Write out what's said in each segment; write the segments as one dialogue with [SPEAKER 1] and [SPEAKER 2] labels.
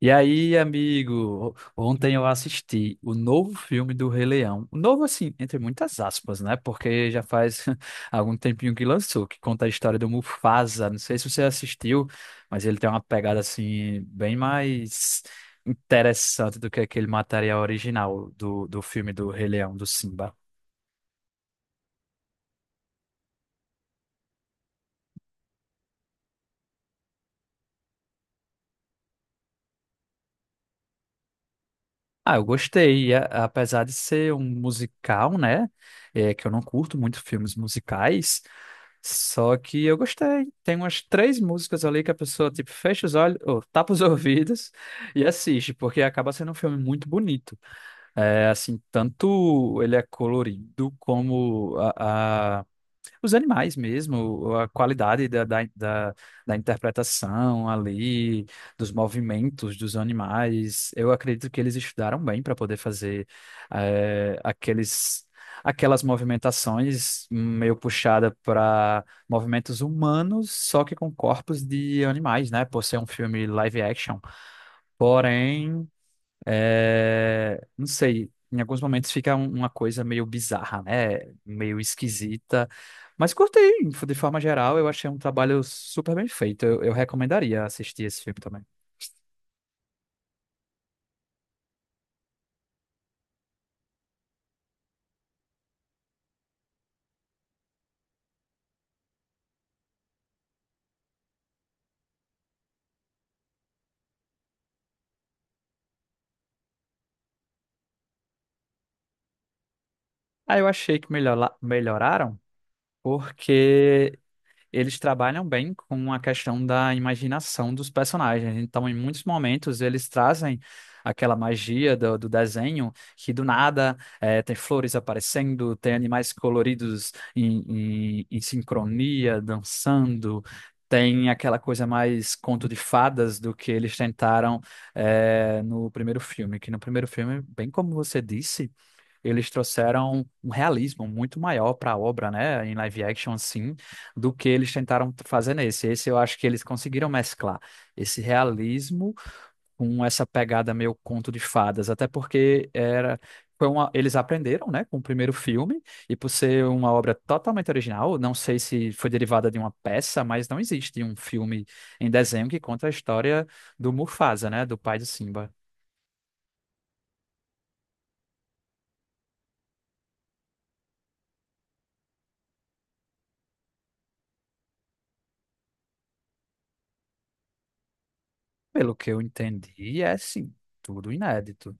[SPEAKER 1] E aí, amigo, ontem eu assisti o novo filme do Rei Leão. Novo, assim, entre muitas aspas, né? Porque já faz algum tempinho que lançou, que conta a história do Mufasa. Não sei se você assistiu, mas ele tem uma pegada, assim, bem mais interessante do que aquele material original do filme do Rei Leão, do Simba. Ah, eu gostei, apesar de ser um musical, né? É, que eu não curto muito filmes musicais. Só que eu gostei. Tem umas três músicas ali que a pessoa, tipo, fecha os olhos, ou tapa os ouvidos e assiste, porque acaba sendo um filme muito bonito. É, assim, tanto ele é colorido, como a, os animais mesmo, a qualidade da interpretação ali, dos movimentos dos animais. Eu acredito que eles estudaram bem para poder fazer aqueles, aquelas movimentações meio puxada para movimentos humanos, só que com corpos de animais, né? Por ser um filme live action. Porém. É, não sei, em alguns momentos fica uma coisa meio bizarra, né? Meio esquisita. Mas curtei, de forma geral, eu achei um trabalho super bem feito. Eu recomendaria assistir esse filme também. Aí eu achei que melhoraram, porque eles trabalham bem com a questão da imaginação dos personagens. Então, em muitos momentos, eles trazem aquela magia do desenho que do nada tem flores aparecendo, tem animais coloridos em sincronia, dançando. Tem aquela coisa mais conto de fadas do que eles tentaram no primeiro filme, que no primeiro filme, bem como você disse, eles trouxeram um realismo muito maior para a obra, né, em live action, sim, do que eles tentaram fazer nesse. Esse eu acho que eles conseguiram mesclar esse realismo com essa pegada meio conto de fadas, até porque era foi uma, eles aprenderam, né, com o primeiro filme, e por ser uma obra totalmente original, não sei se foi derivada de uma peça, mas não existe um filme em desenho que conta a história do Mufasa, né, do pai de Simba. Pelo que eu entendi, é sim, tudo inédito.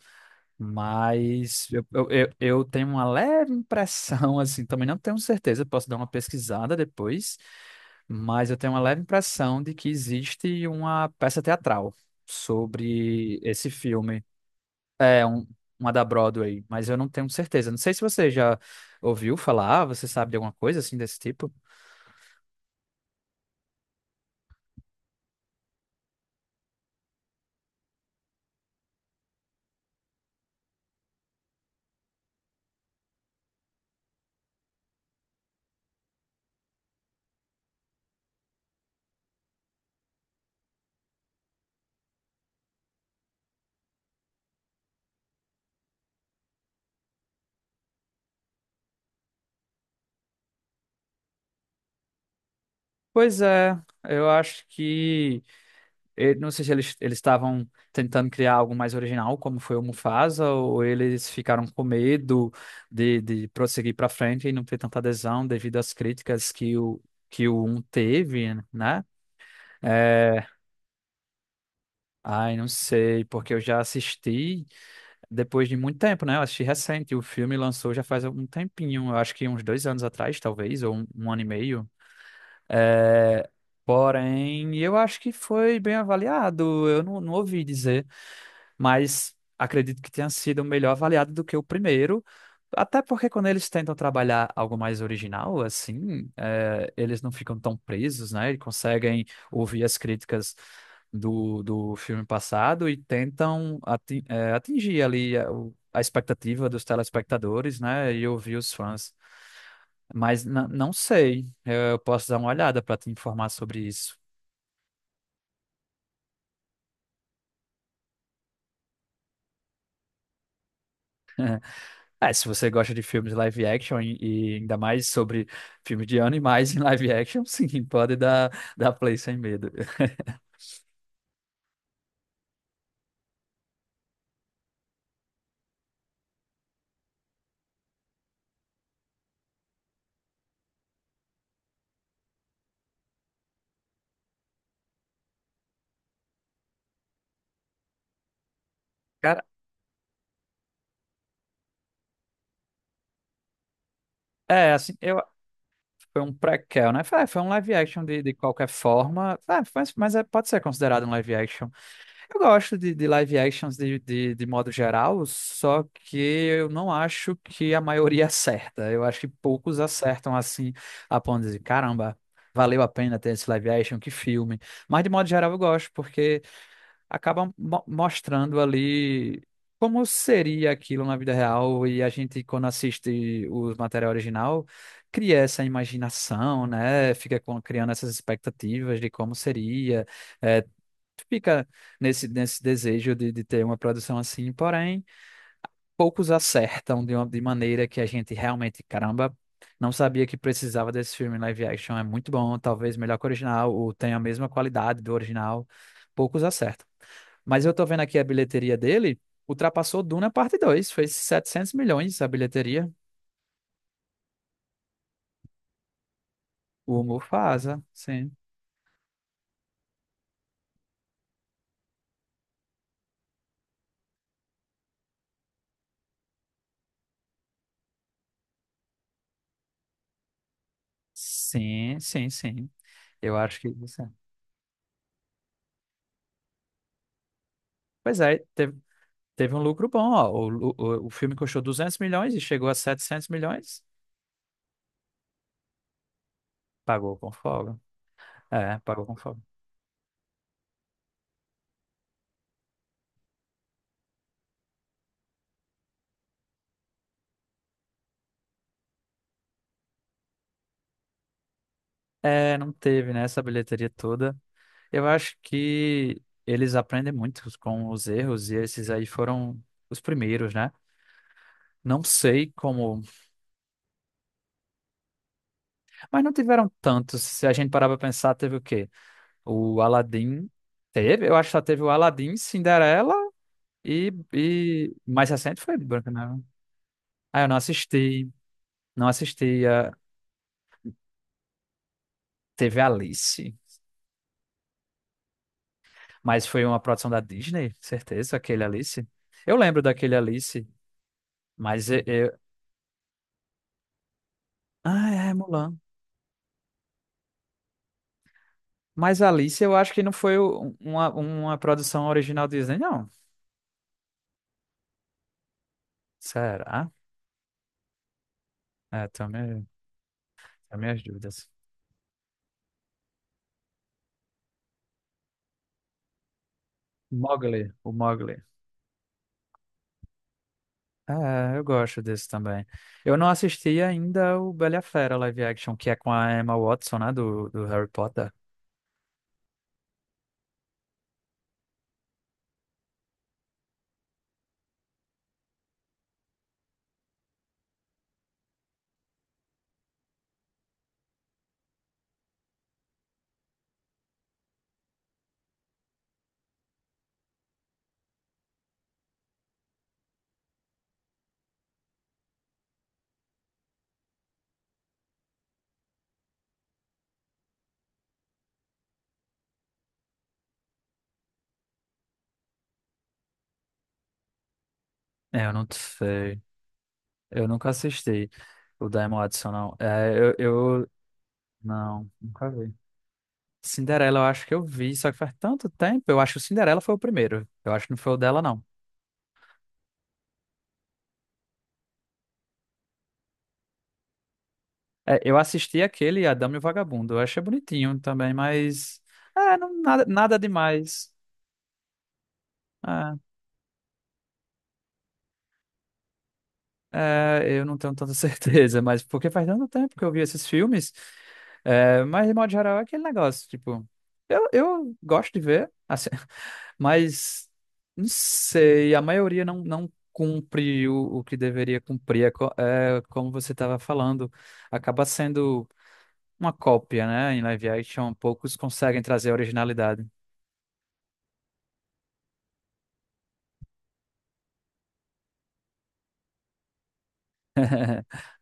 [SPEAKER 1] Mas eu tenho uma leve impressão, assim, também não tenho certeza, posso dar uma pesquisada depois, mas eu tenho uma leve impressão de que existe uma peça teatral sobre esse filme. É, um, uma da Broadway, mas eu não tenho certeza. Não sei se você já ouviu falar, você sabe de alguma coisa assim desse tipo? Pois é, eu acho que. Eu não sei se eles estavam tentando criar algo mais original, como foi o Mufasa, ou eles ficaram com medo de prosseguir para frente e não ter tanta adesão devido às críticas que o um teve, né? É, ai, não sei, porque eu já assisti depois de muito tempo, né? Eu assisti recente, o filme lançou já faz um tempinho, eu acho que uns 2 anos atrás, talvez, ou um ano e meio. É, porém, eu acho que foi bem avaliado, eu não ouvi dizer, mas acredito que tenha sido melhor avaliado do que o primeiro. Até porque quando eles tentam trabalhar algo mais original, assim, eles não ficam tão presos, né? E conseguem ouvir as críticas do filme passado e tentam atingir ali a, a expectativa dos telespectadores, né? E ouvir os fãs. Mas não sei, eu posso dar uma olhada para te informar sobre isso. É, se você gosta de filmes live action e ainda mais sobre filmes de animais em live action, sim, pode dar, dar play sem medo. Cara, é, assim, eu. Foi um prequel, né? Foi, é, foi um live action de qualquer forma. É, mas é, pode ser considerado um live action. Eu gosto de live actions de modo geral, só que eu não acho que a maioria acerta. Eu acho que poucos acertam assim, a ponto de dizer, caramba, valeu a pena ter esse live action, que filme. Mas de modo geral eu gosto, porque acaba mostrando ali como seria aquilo na vida real e a gente, quando assiste o material original, cria essa imaginação, né? Fica criando essas expectativas de como seria, é, fica nesse desejo de ter uma produção assim, porém poucos acertam de uma de maneira que a gente realmente, caramba, não sabia que precisava desse filme live action. É muito bom, talvez melhor que o original, ou tenha a mesma qualidade do original. Poucos acertam. Mas eu tô vendo aqui a bilheteria dele, ultrapassou Duna parte 2, fez 700 milhões a bilheteria. O Mufasa, sim. Sim, sim, sim. Eu acho que isso é. Pois é, teve, teve um lucro bom, ó. O filme custou 200 milhões e chegou a 700 milhões. Pagou com folga. É, pagou com folga. É, não teve, né, essa bilheteria toda. Eu acho que eles aprendem muito com os erros e esses aí foram os primeiros, né? Não sei como, mas não tiveram tantos. Se a gente parar pra pensar, teve o quê? O Aladdin teve, eu acho que só teve o Aladdin, Cinderela e mais recente foi Branca de Neve. Ah, eu não assisti, não assisti. Teve Alice, mas foi uma produção da Disney, certeza, aquele Alice. Eu lembro daquele Alice. Mas ah, é, Mulan. Mas Alice, eu acho que não foi uma produção original Disney, não. Será? É, tenho minhas dúvidas. Mowgli, o Mowgli. É, eu gosto desse também. Eu não assisti ainda o Bela e a Fera live action, que é com a Emma Watson, né, do Harry Potter. É, eu não sei. Eu nunca assisti o Diamond Watson, não. É, eu- não, nunca vi. Cinderela eu acho que eu vi, só que faz tanto tempo. Eu acho que o Cinderela foi o primeiro. Eu acho que não foi o dela, não. É, eu assisti aquele, A Dama e o Vagabundo. Eu achei bonitinho também, mas. É, não, nada, nada demais. É. É, eu não tenho tanta certeza, mas porque faz tanto tempo que eu vi esses filmes. É, mas, de modo geral, é aquele negócio, tipo, eu gosto de ver, assim, mas não sei, a maioria não cumpre o que deveria cumprir. É, é, como você estava falando, acaba sendo uma cópia, né? Em live action, poucos conseguem trazer originalidade.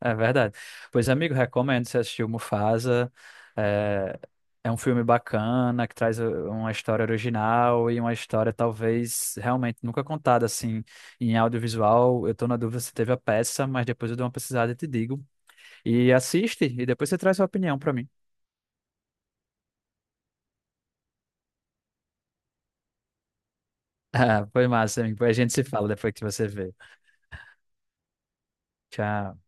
[SPEAKER 1] É verdade. Pois, amigo, recomendo você assistir o Mufasa. É, é um filme bacana que traz uma história original e uma história talvez realmente nunca contada assim em audiovisual. Eu tô na dúvida se teve a peça, mas depois eu dou uma pesquisada e te digo. E assiste e depois você traz sua opinião pra mim. Ah, foi massa, amigo. A gente se fala depois que você vê. Tchau.